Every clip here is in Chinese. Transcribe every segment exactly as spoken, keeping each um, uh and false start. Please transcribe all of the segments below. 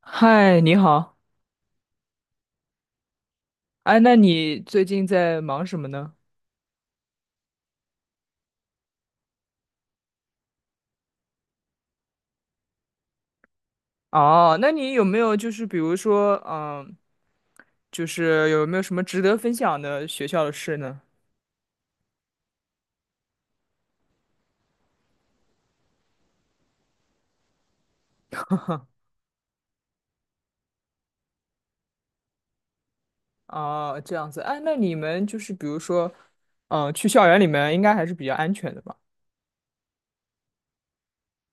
嗨，你好。哎，那你最近在忙什么呢？哦，那你有没有就是比如说，嗯，就是有没有什么值得分享的学校的事呢？哦，这样子。哎，那你们就是比如说，嗯，去校园里面应该还是比较安全的吧？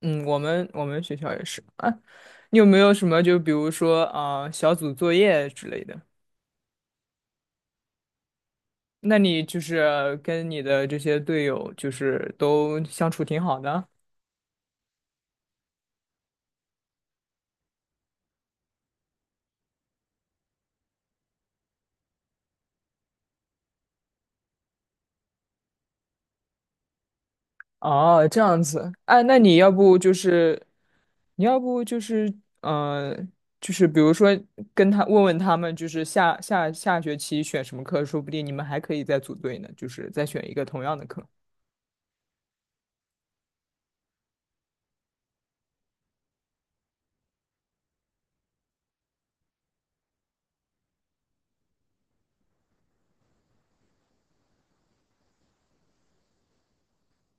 嗯，我们我们学校也是。啊，你有没有什么就比如说，啊，小组作业之类的？那你就是跟你的这些队友就是都相处挺好的？哦，这样子，哎，那你要不就是，你要不就是，嗯、呃，就是比如说跟他问问他们，就是下下下学期选什么课，说不定你们还可以再组队呢，就是再选一个同样的课。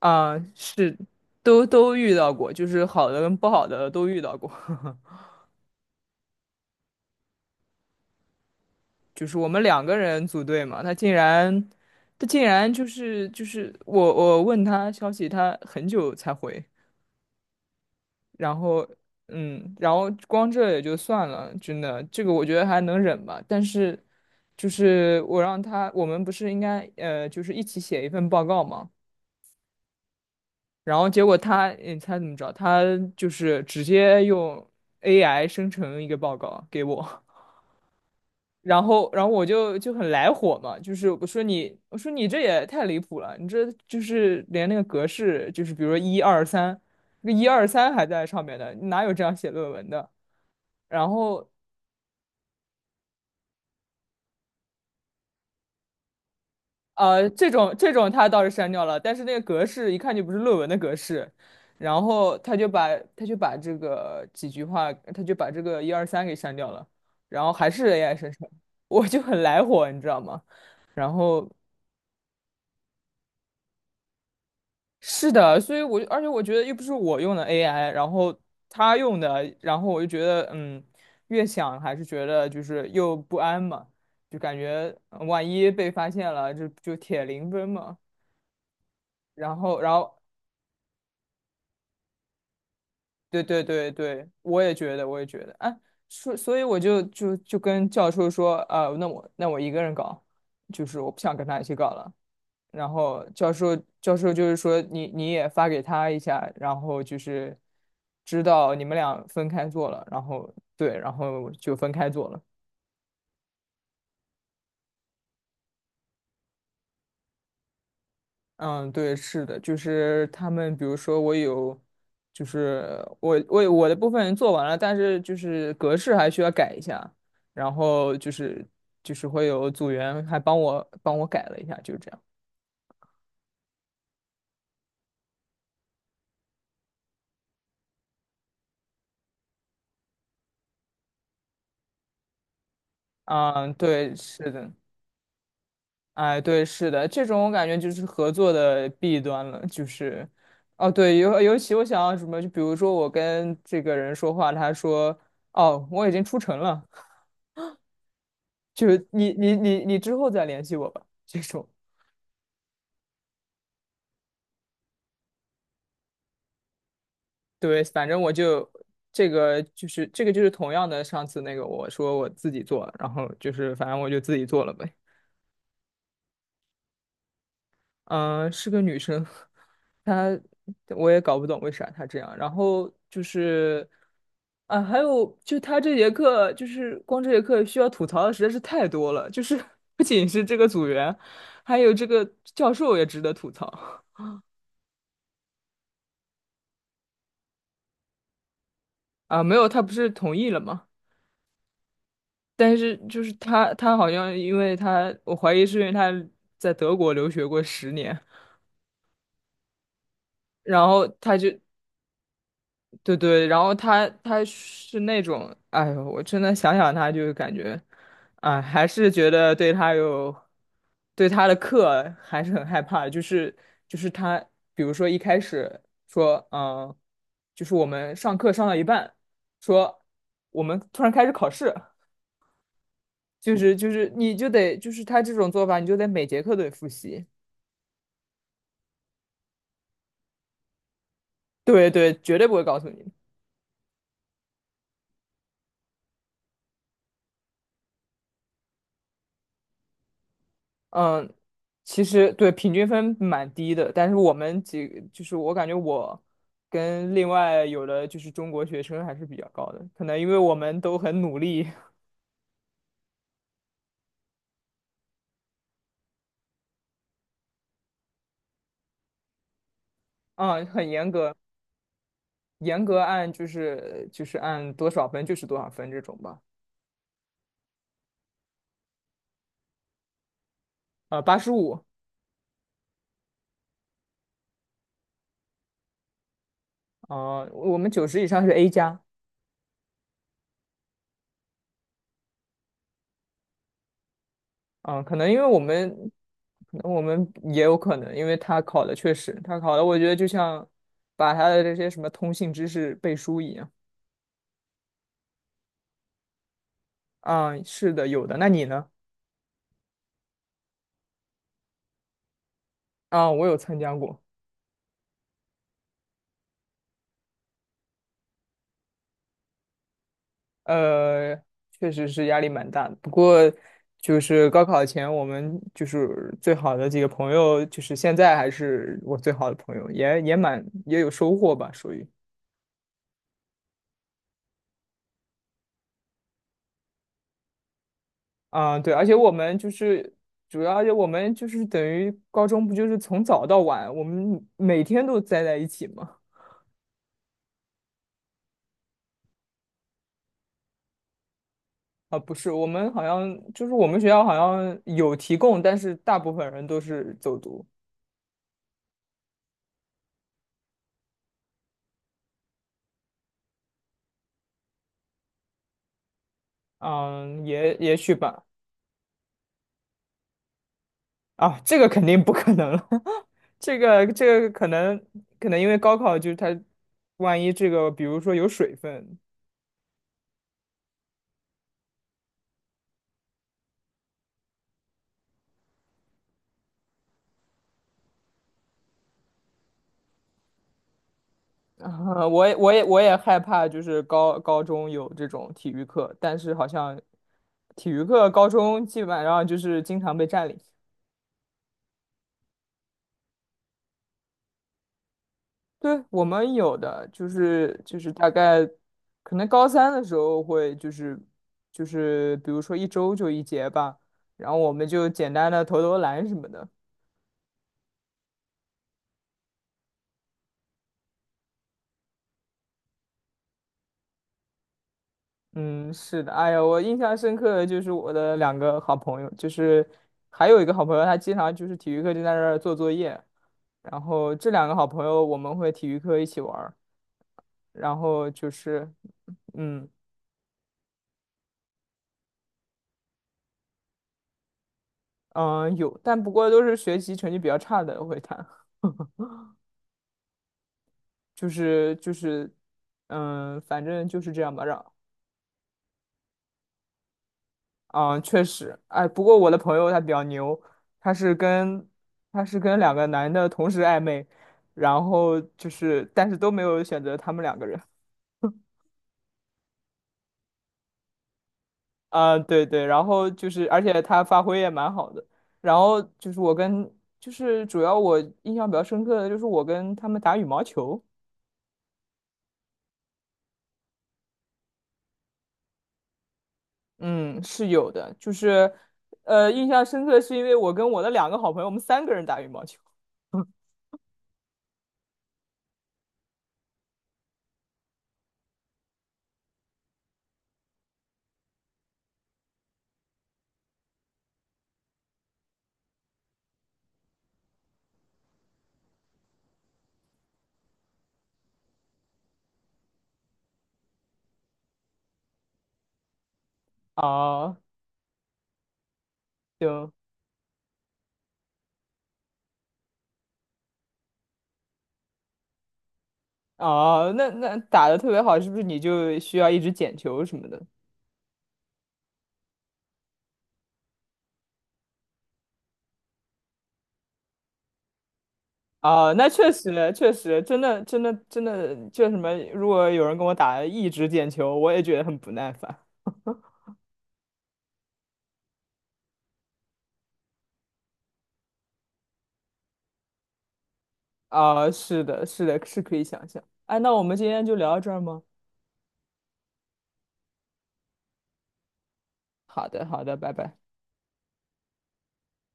啊、是，都都遇到过，就是好的跟不好的都遇到过。就是我们两个人组队嘛，他竟然，他竟然就是就是我我问他消息，他很久才回。然后，嗯，然后光这也就算了，真的，这个我觉得还能忍吧。但是，就是我让他，我们不是应该呃，就是一起写一份报告嘛？然后结果他，你猜怎么着？他就是直接用 A I 生成一个报告给我，然后，然后我就就很来火嘛，就是我说你，我说你这也太离谱了，你这就是连那个格式，就是比如说一二三，那一二三还在上面的，你哪有这样写论文的？然后呃，这种这种他倒是删掉了，但是那个格式一看就不是论文的格式，然后他就把他就把这个几句话，他就把这个一二三给删掉了，然后还是 A I 生成，我就很来火，你知道吗？然后是的，所以我就而且我觉得又不是我用的 A I,然后他用的，然后我就觉得嗯，越想还是觉得就是又不安嘛，就感觉呃万一被发现了，就就铁零分嘛。然后，然后对对对对，我也觉得，我也觉得，啊，所所以我就就就跟教授说，啊，那我那我一个人搞，就是我不想跟他一起搞了。然后教授教授就是说你你也发给他一下，然后就是知道你们俩分开做了，然后对，然后就分开做了。嗯，对，是的，就是他们，比如说我有，就是我我我的部分做完了，但是就是格式还需要改一下，然后就是就是会有组员还帮我帮我改了一下，就这样。嗯，对，是的，哎，对，是的，这种我感觉就是合作的弊端了，就是，哦，对，尤尤其我想要什么，就比如说我跟这个人说话，他说，哦，我已经出城了，就是你你你你之后再联系我吧，这种。对，反正我就这个就是这个就是同样的上次那个我说我自己做，然后就是反正我就自己做了呗。嗯、是个女生，她我也搞不懂为啥她这样。然后就是啊，还有就她这节课就是光这节课需要吐槽的实在是太多了，就是 不仅是这个组员，还有这个教授也值得吐槽啊。没有，他不是同意了吗？但是就是他，他好像因为他，我怀疑是因为他在德国留学过十年，然后他就对对，然后他他是那种，哎呦，我真的想想他就感觉，哎，还是觉得对他有，对他的课还是很害怕，就是就是他，比如说一开始说，嗯，就是我们上课上到一半，说我们突然开始考试。就是就是你就得就是他这种做法，你就得每节课都得复习。对对，绝对不会告诉你的。嗯，其实对平均分蛮低的，但是我们几个就是我感觉我跟另外有的就是中国学生还是比较高的，可能因为我们都很努力，嗯，很严格，严格按就是就是按多少分就是多少分这种吧。呃，八十五，呃，我们九十以上是 A 加。嗯，可能因为我们，可能我们也有可能，因为他考的确实，他考的，我觉得就像把他的这些什么通信知识背书一样。啊、是的，有的。那你呢？啊、我有参加过，呃，确实是压力蛮大的。不过就是高考前，我们就是最好的几个朋友，就是现在还是我最好的朋友，也也蛮也有收获吧，属于。啊，对，而且我们就是主要，而且我们就是等于高中不就是从早到晚，我们每天都待在一起吗？啊，不是，我们好像就是我们学校好像有提供，但是大部分人都是走读。嗯，也也许吧。啊，这个肯定不可能了，这个这个可能可能因为高考就是它，万一这个比如说有水分，啊，我也我也我也害怕，就是高高中有这种体育课，但是好像体育课高中基本上就是经常被占领。对，我们有的就是就是大概可能高三的时候会就是就是比如说一周就一节吧，然后我们就简单的投投篮什么的。嗯，是的，哎呀，我印象深刻的就是我的两个好朋友，就是还有一个好朋友，他经常就是体育课就在那儿做作业，然后这两个好朋友我们会体育课一起玩儿，然后就是，嗯嗯、呃有，但不过都是学习成绩比较差的会谈，就是就是，嗯、反正就是这样吧，让嗯，确实，哎，不过我的朋友他比较牛，他是跟他是跟两个男的同时暧昧，然后就是，但是都没有选择他们两个人。啊、对对，然后就是，而且他发挥也蛮好的。然后就是我跟，就是主要我印象比较深刻的就是我跟他们打羽毛球，嗯，是有的，就是，呃，印象深刻是因为我跟我的两个好朋友，我们三个人打羽毛球。啊，行。哦，那那打的特别好，是不是你就需要一直捡球什么的？哦，那确实确实，真的真的真的，就什么，如果有人跟我打一直捡球，我也觉得很不耐烦。啊、是的，是的，是可以想象。哎，那我们今天就聊到这儿吗？好的，好的，拜拜。